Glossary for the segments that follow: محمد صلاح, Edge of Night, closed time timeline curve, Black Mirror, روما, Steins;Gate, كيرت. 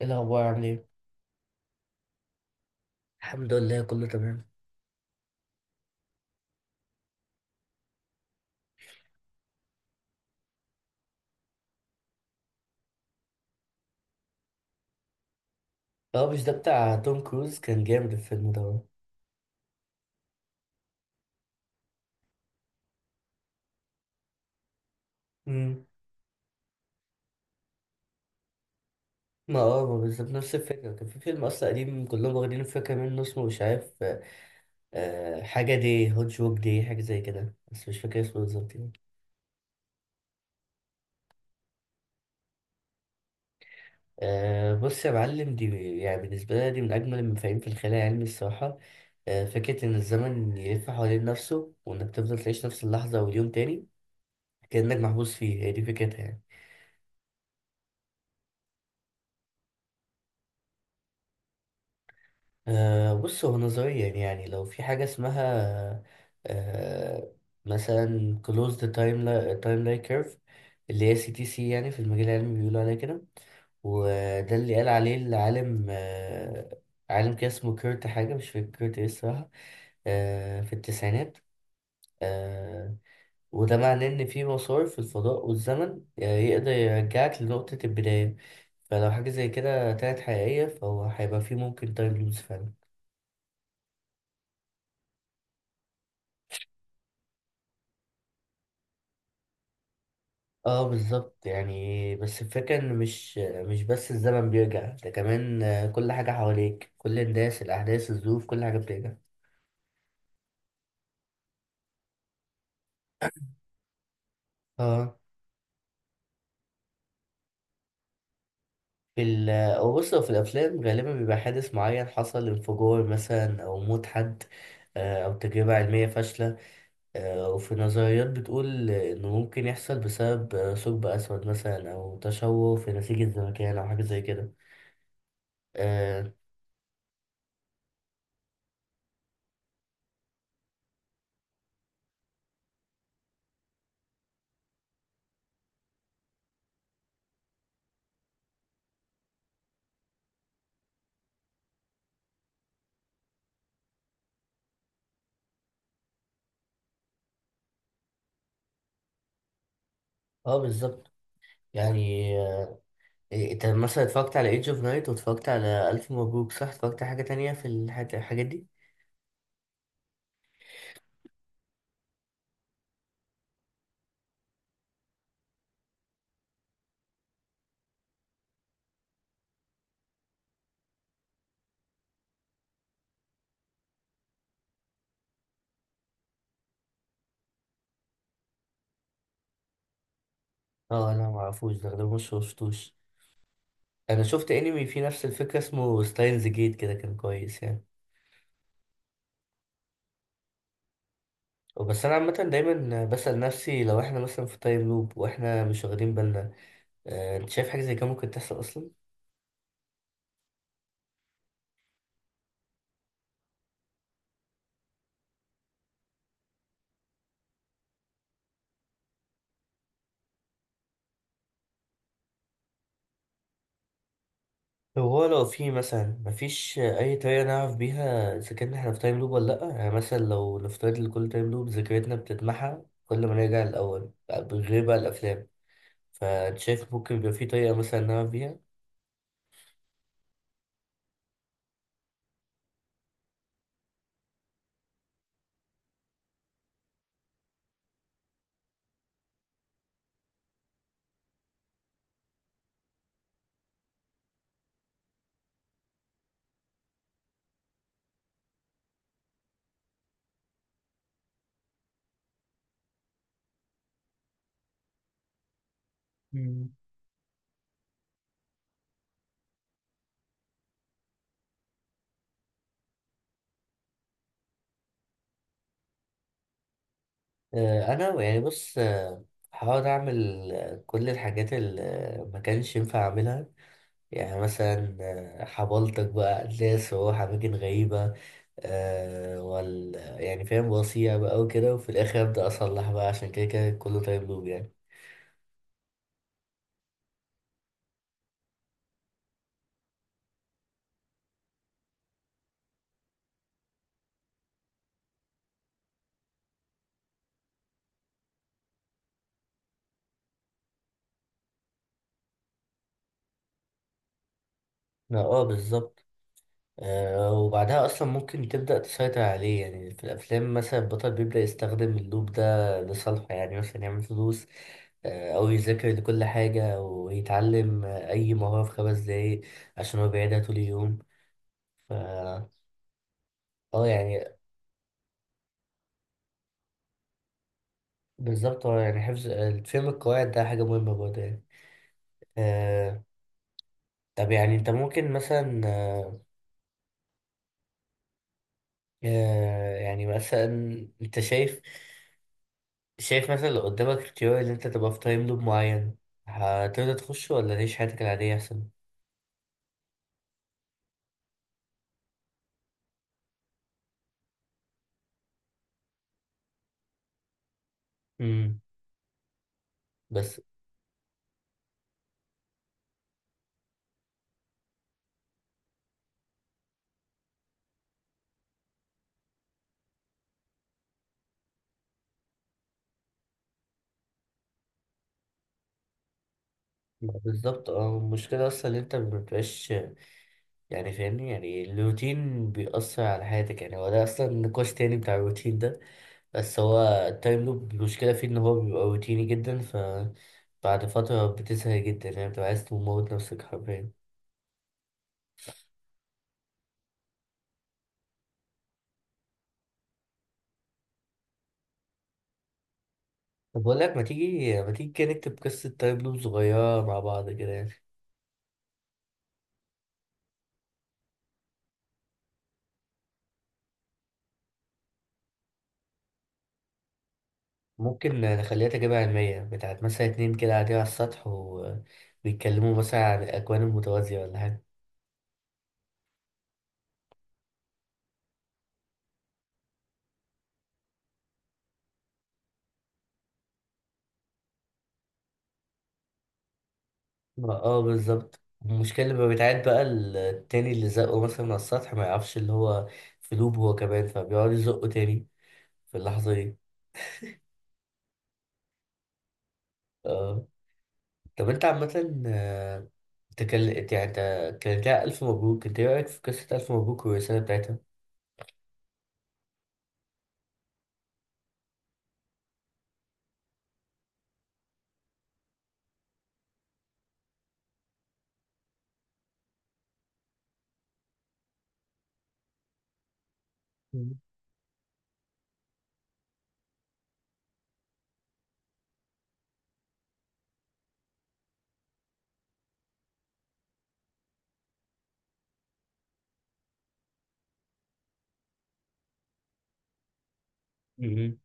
ايه الاخبار، عامل ايه؟ الحمد لله، كله تمام. اه، مش ده بتاع توم كروز؟ كان جامد الفيلم ده. امم. ما بالظبط نفس الفكره، كان في فيلم اصلا قديم كلهم واخدين الفكره منه اسمه مش عارف. حاجه دي هوت جوك، دي حاجه زي كده، بس مش فاكر اسمه بالظبط يعني. بص يا معلم، دي يعني بالنسبه لي دي من اجمل المفاهيم في الخيال العلمي الصراحه. فكره ان الزمن يلف حوالين نفسه، وانك تفضل تعيش نفس اللحظه واليوم تاني، كانك محبوس فيه، هي دي فكرتها يعني. بص، هو نظريا يعني لو في حاجة اسمها أه مثلا closed time timeline curve، اللي هي CTC يعني في المجال العلمي بيقولوا عليها كده. وده اللي قال عليه العالم، عالم كده اسمه كيرت حاجة، مش فاكر كيرت ايه الصراحة. في التسعينات. أه وده معناه إن في مسار في الفضاء والزمن، يقدر يرجعك لنقطة البداية. فلو حاجة زي كده طلعت حقيقية، فهو هيبقى فيه ممكن تايم لوز فعلا. اه، بالظبط يعني، بس الفكرة ان مش بس الزمن بيرجع، ده كمان كل حاجة حواليك، كل الناس، الاحداث، الظروف، كل حاجة بترجع. اه، في ال او بص، هو في الافلام غالبا بيبقى حادث معين حصل، انفجار مثلا او موت حد، او تجربة علمية فاشلة، وفي نظريات بتقول انه ممكن يحصل بسبب ثقب اسود مثلا، او تشوه في نسيج الزمكان او حاجة زي كده. اه. بالظبط يعني. إيه، انت مثلا اتفرجت على ايدج اوف نايت، واتفرجت على الف مبروك، صح؟ اتفرجت على حاجه تانية في الحاجات دي؟ اه، انا ما اعرفوش ده مش شفتوش. انا شفت انمي فيه نفس الفكره اسمه ستاينز جيت، كده كان كويس يعني. بس انا عامه دايما بسال نفسي، لو احنا مثلا في تايم لوب واحنا مش واخدين بالنا، انت شايف حاجه زي كده ممكن تحصل اصلا؟ طب هو لو في مثلا، مفيش اي طريقه نعرف بيها اذا كنا احنا في تايم لوب ولا لا، يعني مثلا لو نفترض ان كل تايم لوب ذاكرتنا بتتمحى كل ما نرجع الاول، بغير بقى الافلام، فانت شايف ممكن يبقى في طريقة مثلا نعمل بيها؟ مم. انا يعني بص، هحاول اعمل كل الحاجات اللي ما كانش ينفع اعملها، يعني مثلا حبلتك بقى ناس، واروح اماكن غريبة، آه، وال يعني فاهم، وصيع بقى وكده، وفي الاخر ابدا اصلح بقى، عشان كده كده كله تايم لوب يعني. لا، اه، بالظبط. وبعدها أصلا ممكن تبدأ تسيطر عليه، يعني في الأفلام مثلا البطل بيبدأ يستخدم اللوب ده لصالحه، يعني مثلا يعمل فلوس، أو يذاكر لكل حاجة ويتعلم أي مهارة في 5 دقايق، عشان هو بيعيدها طول اليوم. ف اه، يعني. بالظبط، هو يعني حفظ آه، فهم القواعد ده حاجة مهمة برضه يعني. آه، طب يعني أنت ممكن مثلا، يعني مثلا أنت شايف مثلا لو قدامك اختيار ان انت تبقى في تايم لوب معين، هتقدر تخش ولا تعيش حياتك العادية احسن؟ امم. بس، ما بالظبط المشكلة اصلا ان انت مبتبقاش، يعني فاهمني، يعني الروتين بيأثر على حياتك، يعني هو ده اصلا نقاش تاني بتاع الروتين ده، بس هو التايم لوب المشكلة فيه ان هو بيبقى روتيني جدا، بعد فترة بتزهق جدا، يعني بتبقى عايز تموت نفسك حرفيا. طب بقول لك، ما تيجي كده نكتب قصة تايم لوب صغيرة مع بعض كده. ممكن نخليها تجربة علمية بتاعت مثلا اتنين كده قاعدين على السطح، وبيتكلموا مثلا عن الأكوان المتوازية ولا حاجة. بالظبط، المشكلة لما بيتعاد بقى، التاني اللي زقه مثلا من على السطح ما يعرفش اللي هو في لوب هو كمان، فبيقعد يزقه تاني في اللحظة دي. اه. طب انت عامة، آه، تكل... يعني انت كانت لها ألف مبروك، انت ايه رأيك في قصة ألف مبروك والرسالة بتاعتها؟ مم.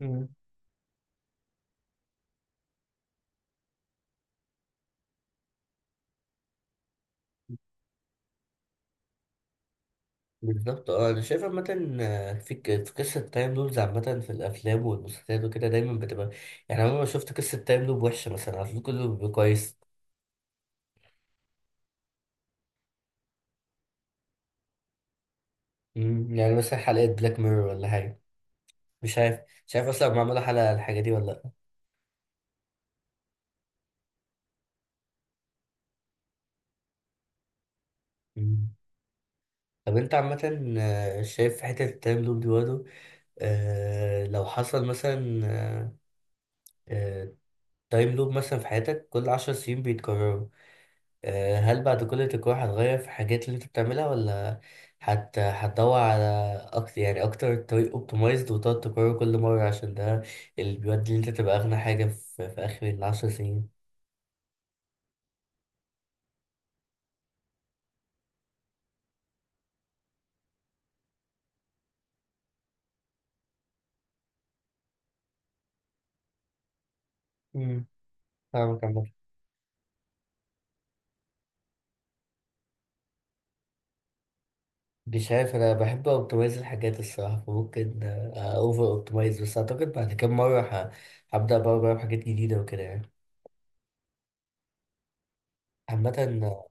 مم. بالظبط، اه، انا شايف عامة في قصة تايم لوبز عامة في الافلام والمسلسلات وكده دايما بتبقى، يعني عمري ما شفت قصة تايم لوب وحشة، مثلا على طول كله بيبقى كويس. مم، يعني مثلا حلقة بلاك ميرور ولا حاجة. مش عارف، مش عارف اصلا معمولة حلقة على الحاجة دي ولا لأ. مم. طب انت عامة، شايف حتة التايم لوب دي برضه، لو حصل مثلا تايم لوب مثلا في حياتك كل 10 سنين بيتكرروا، هل بعد كل تجربة هتغير في الحاجات اللي انت بتعملها، ولا هتدور على اكتر يعني، اكتر طريق اوبتمايزد وتقعد تكرره كل مرة، عشان ده اللي بيودي ان انت تبقى اغنى حاجة في اخر الـ10 سنين. امم. فاهمك عامة. مش عارف، انا بحب اوبتمايز الحاجات الصراحة، فممكن اوفر اوبتمايز، بس اعتقد بعد كام مرة هبدأ بقى بجرب حاجات جديدة وكده يعني. عامة. آه.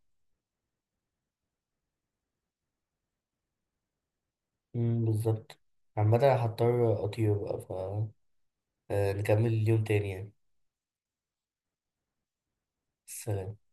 مم، بالظبط. عامة هضطر اطير بقى، نكمل اليوم تاني يعني. سلام.